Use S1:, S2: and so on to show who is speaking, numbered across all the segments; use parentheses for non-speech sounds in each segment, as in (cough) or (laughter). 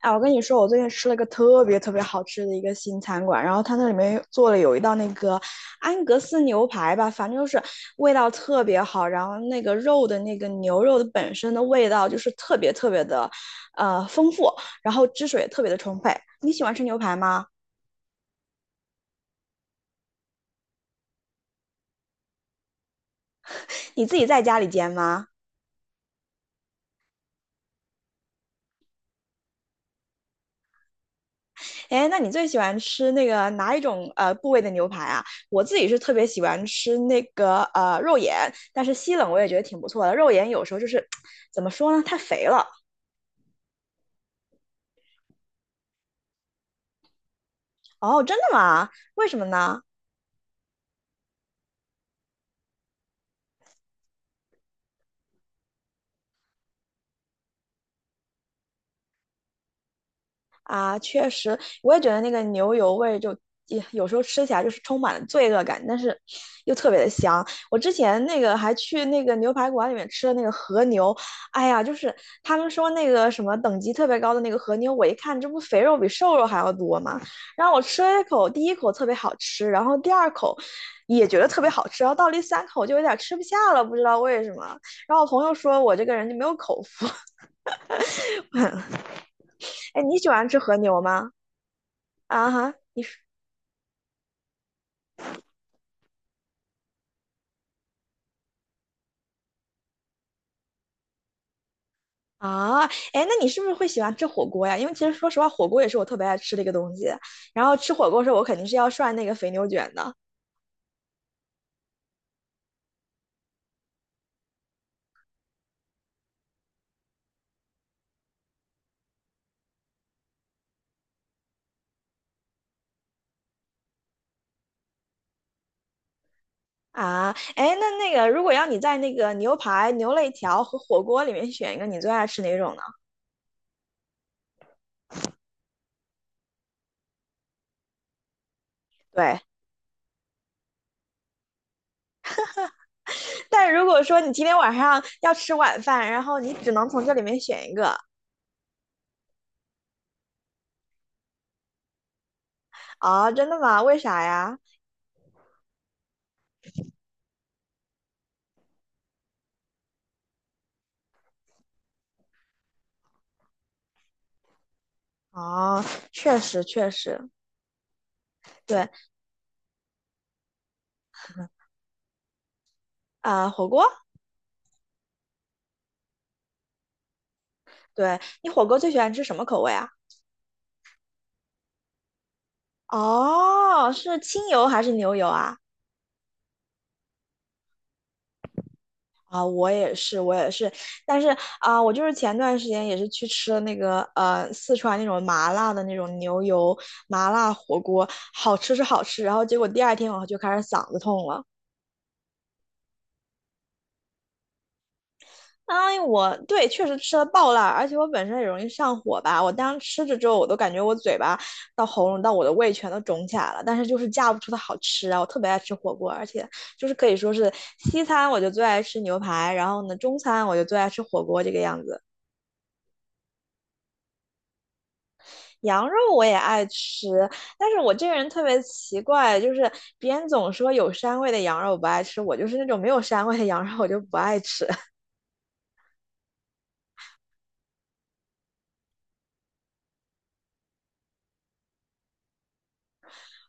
S1: 哎，我跟你说，我最近吃了一个特别特别好吃的一个新餐馆，然后它那里面做了有一道那个安格斯牛排吧，反正就是味道特别好，然后那个肉的那个牛肉的本身的味道就是特别特别的，丰富，然后汁水也特别的充沛。你喜欢吃牛排吗？你自己在家里煎吗？哎，那你最喜欢吃那个哪一种部位的牛排啊？我自己是特别喜欢吃那个肉眼，但是西冷我也觉得挺不错的。肉眼有时候就是 (tsk) 怎么说呢，太肥了。哦，真的吗？为什么呢？啊，确实，我也觉得那个牛油味就也有时候吃起来就是充满了罪恶感，但是又特别的香。我之前那个还去那个牛排馆里面吃了那个和牛，哎呀，就是他们说那个什么等级特别高的那个和牛，我一看这不肥肉比瘦肉还要多吗？然后我吃了一口，第一口特别好吃，然后第二口也觉得特别好吃，然后到第三口就有点吃不下了，不知道为什么。然后我朋友说我这个人就没有口福。(laughs) 哎，你喜欢吃和牛吗？啊哈。你？啊，哎，那你是不是会喜欢吃火锅呀？因为其实说实话，火锅也是我特别爱吃的一个东西。然后吃火锅的时候，我肯定是要涮那个肥牛卷的啊。哎，那那个如果要你在那个牛排、牛肋条和火锅里面选一个，你最爱吃哪种呢？对，但如果说你今天晚上要吃晚饭，然后你只能从这里面选一个啊，真的吗？为啥呀？哦，确实确实，对啊，火锅，对你火锅最喜欢吃什么口味啊？哦，是清油还是牛油啊？啊，我也是，我也是，但是啊，我就是前段时间也是去吃了那个呃四川那种麻辣的那种牛油麻辣火锅，好吃是好吃，然后结果第二天我就开始嗓子痛了。哎，我对确实吃了爆辣，而且我本身也容易上火吧。我当时吃着之后，我都感觉我嘴巴到喉咙到我的胃全都肿起来了，但是就是架不住它好吃啊。我特别爱吃火锅，而且就是可以说是西餐我就最爱吃牛排，然后呢中餐我就最爱吃火锅这个样子。羊肉我也爱吃，但是我这个人特别奇怪，就是别人总说有膻味的羊肉我不爱吃，我就是那种没有膻味的羊肉我就不爱吃。(laughs)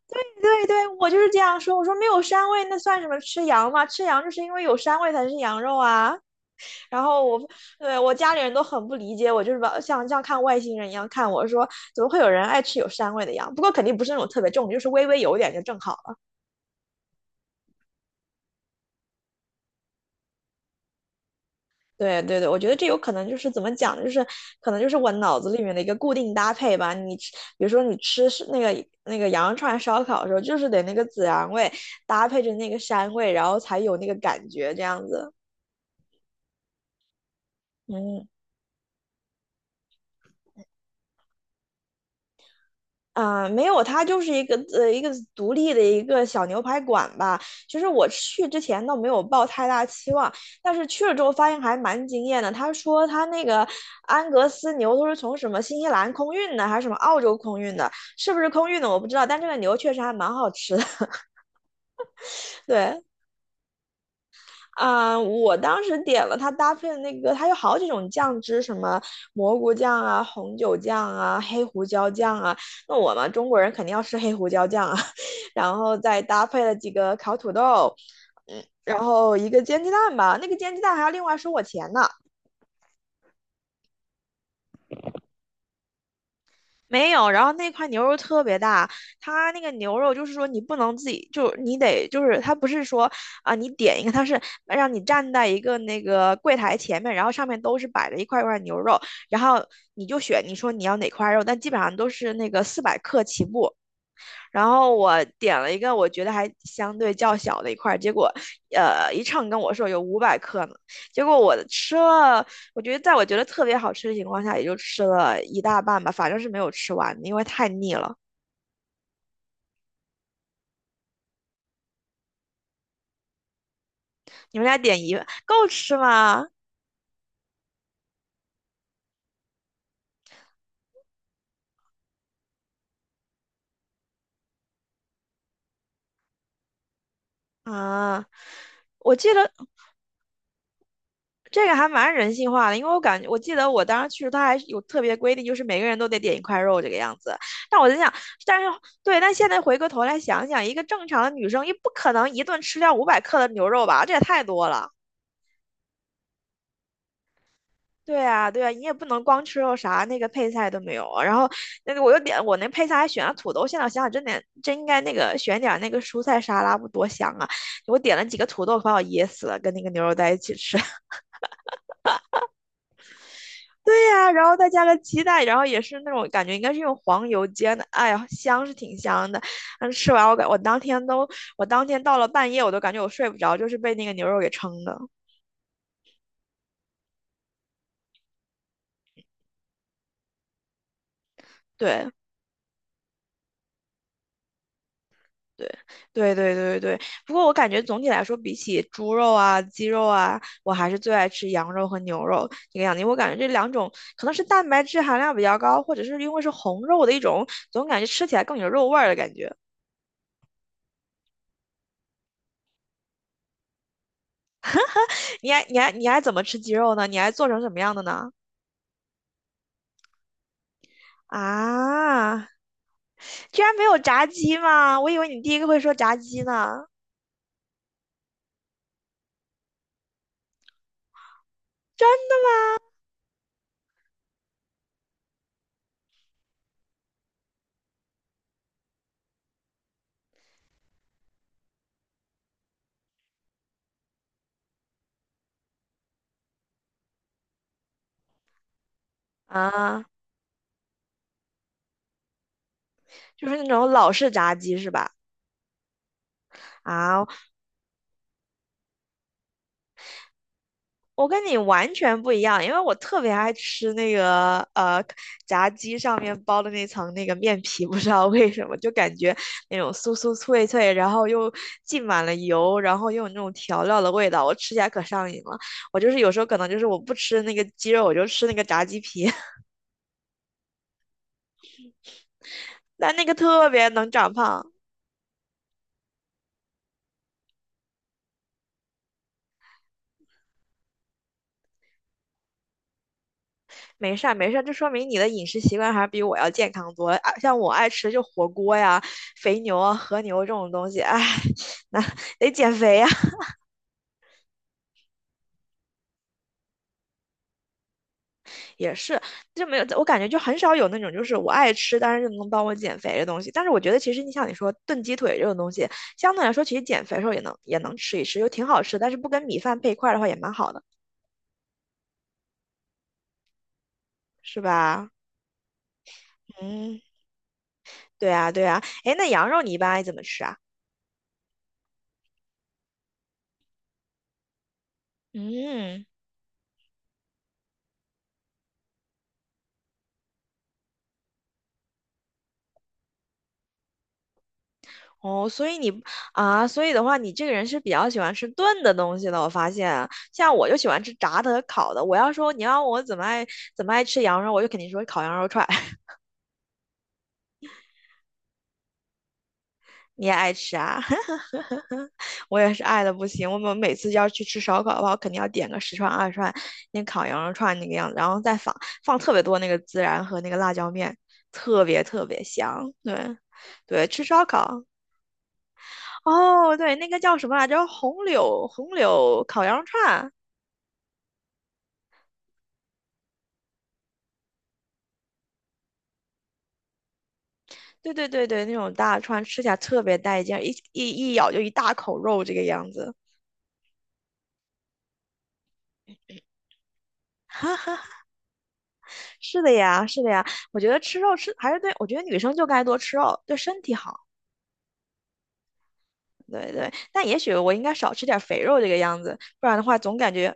S1: 对对对，我就是这样说，我说没有膻味那算什么吃羊吗？吃羊就是因为有膻味才是羊肉啊。然后我对我家里人都很不理解我，就是把像看外星人一样看我说，怎么会有人爱吃有膻味的羊？不过肯定不是那种特别重，就是微微有点就正好。对对对，我觉得这有可能就是怎么讲呢，就是可能就是我脑子里面的一个固定搭配吧。你吃，比如说你吃是那个羊肉串烧烤的时候，就是得那个孜然味搭配着那个膻味，然后才有那个感觉这样子。嗯。啊、没有，它就是一个独立的一个小牛排馆吧。其实我去之前倒没有抱太大期望，但是去了之后发现还蛮惊艳的。他说他那个安格斯牛都是从什么新西兰空运的，还是什么澳洲空运的？是不是空运的我不知道，但这个牛确实还蛮好吃的。(laughs) 对，啊、我当时点了它搭配的那个，它有好几种酱汁，什么蘑菇酱啊、红酒酱啊、黑胡椒酱啊。那我嘛，中国人肯定要吃黑胡椒酱啊，(laughs) 然后再搭配了几个烤土豆，嗯，然后一个煎鸡蛋吧。那个煎鸡蛋还要另外收我钱呢。没有，然后那块牛肉特别大，它那个牛肉就是说你不能自己，就是你得就是它不是说啊、你点一个，它是让你站在一个那个柜台前面，然后上面都是摆着一块一块牛肉，然后你就选你说你要哪块肉，但基本上都是那个400克起步，然后我点了一个我觉得还相对较小的一块儿，结果一称跟我说有五百克呢，结果我吃了，我觉得在我觉得特别好吃的情况下，也就吃了一大半吧，反正是没有吃完的因为太腻了。你们俩点一够吃吗？啊，我记得这个还蛮人性化的，因为我感觉，我记得我当时去的时候，他还是有特别规定，就是每个人都得点一块肉这个样子。但我在想，但是对，但现在回过头来想想，一个正常的女生也不可能一顿吃掉五百克的牛肉吧，这也太多了。对啊，对啊，你也不能光吃肉啥，那个配菜都没有啊。然后那个我又点，我那配菜还选了土豆，现在我想想，真点真应该那个选点那个蔬菜沙拉，不多香啊！我点了几个土豆，把我噎死了，跟那个牛肉在一起吃。对呀、然后再加个鸡蛋，然后也是那种感觉应该是用黄油煎的，哎呀，香是挺香的。但是吃完我当天都，我当天到了半夜我都感觉我睡不着，就是被那个牛肉给撑的。对对对对对对。不过我感觉总体来说，比起猪肉啊、鸡肉啊，我还是最爱吃羊肉和牛肉这个样子因为我感觉这两种可能是蛋白质含量比较高，或者是因为是红肉的一种，总感觉吃起来更有肉味儿的感觉。你还怎么吃鸡肉呢？你还做成什么样的呢？啊，居然没有炸鸡吗？我以为你第一个会说炸鸡呢。啊，就是那种老式炸鸡是吧？啊，我跟你完全不一样，因为我特别爱吃那个呃炸鸡上面包的那层那个面皮，不知道为什么就感觉那种酥酥脆脆，然后又浸满了油，然后又有那种调料的味道，我吃起来可上瘾了。我就是有时候可能就是我不吃那个鸡肉，我就吃那个炸鸡皮，(laughs) 但那个特别能长胖。没事儿，没事儿，这说明你的饮食习惯还是比我要健康多了啊像我爱吃就火锅呀、肥牛啊、和牛这种东西，哎，那得减肥呀。也是，就没有，我感觉就很少有那种就是我爱吃，但是就能帮我减肥的东西。但是我觉得其实你像你说炖鸡腿这种东西，相对来说其实减肥的时候也能吃一吃，又挺好吃，但是不跟米饭配一块儿的话也蛮好的，是吧？嗯，对啊，对啊。哎，那羊肉你一般爱怎么吃啊？嗯。哦，所以你啊，所以的话，你这个人是比较喜欢吃炖的东西的。我发现啊，像我就喜欢吃炸的和烤的。我要说你要我怎么爱吃羊肉，我就肯定说烤羊肉串。(laughs) 你也爱吃啊？(laughs) 我也是爱的不行。我们每次要去吃烧烤的话，我肯定要点个10串20串，那烤羊肉串那个样子，然后再放特别多那个孜然和那个辣椒面，特别特别香。对，对，吃烧烤。哦，对，那个叫什么来着？红柳烤羊肉串。对对对对，那种大串吃起来特别带劲一咬就一大口肉，这个样子。是的呀，是的呀，我觉得吃肉吃还是对，我觉得女生就该多吃肉，对身体好。对对，但也许我应该少吃点肥肉这个样子，不然的话总感觉。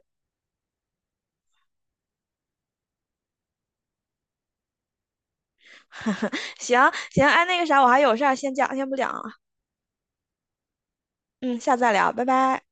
S1: (laughs) 行行，哎，那个啥，我还有事儿，先不讲了。嗯，下次再聊，拜拜。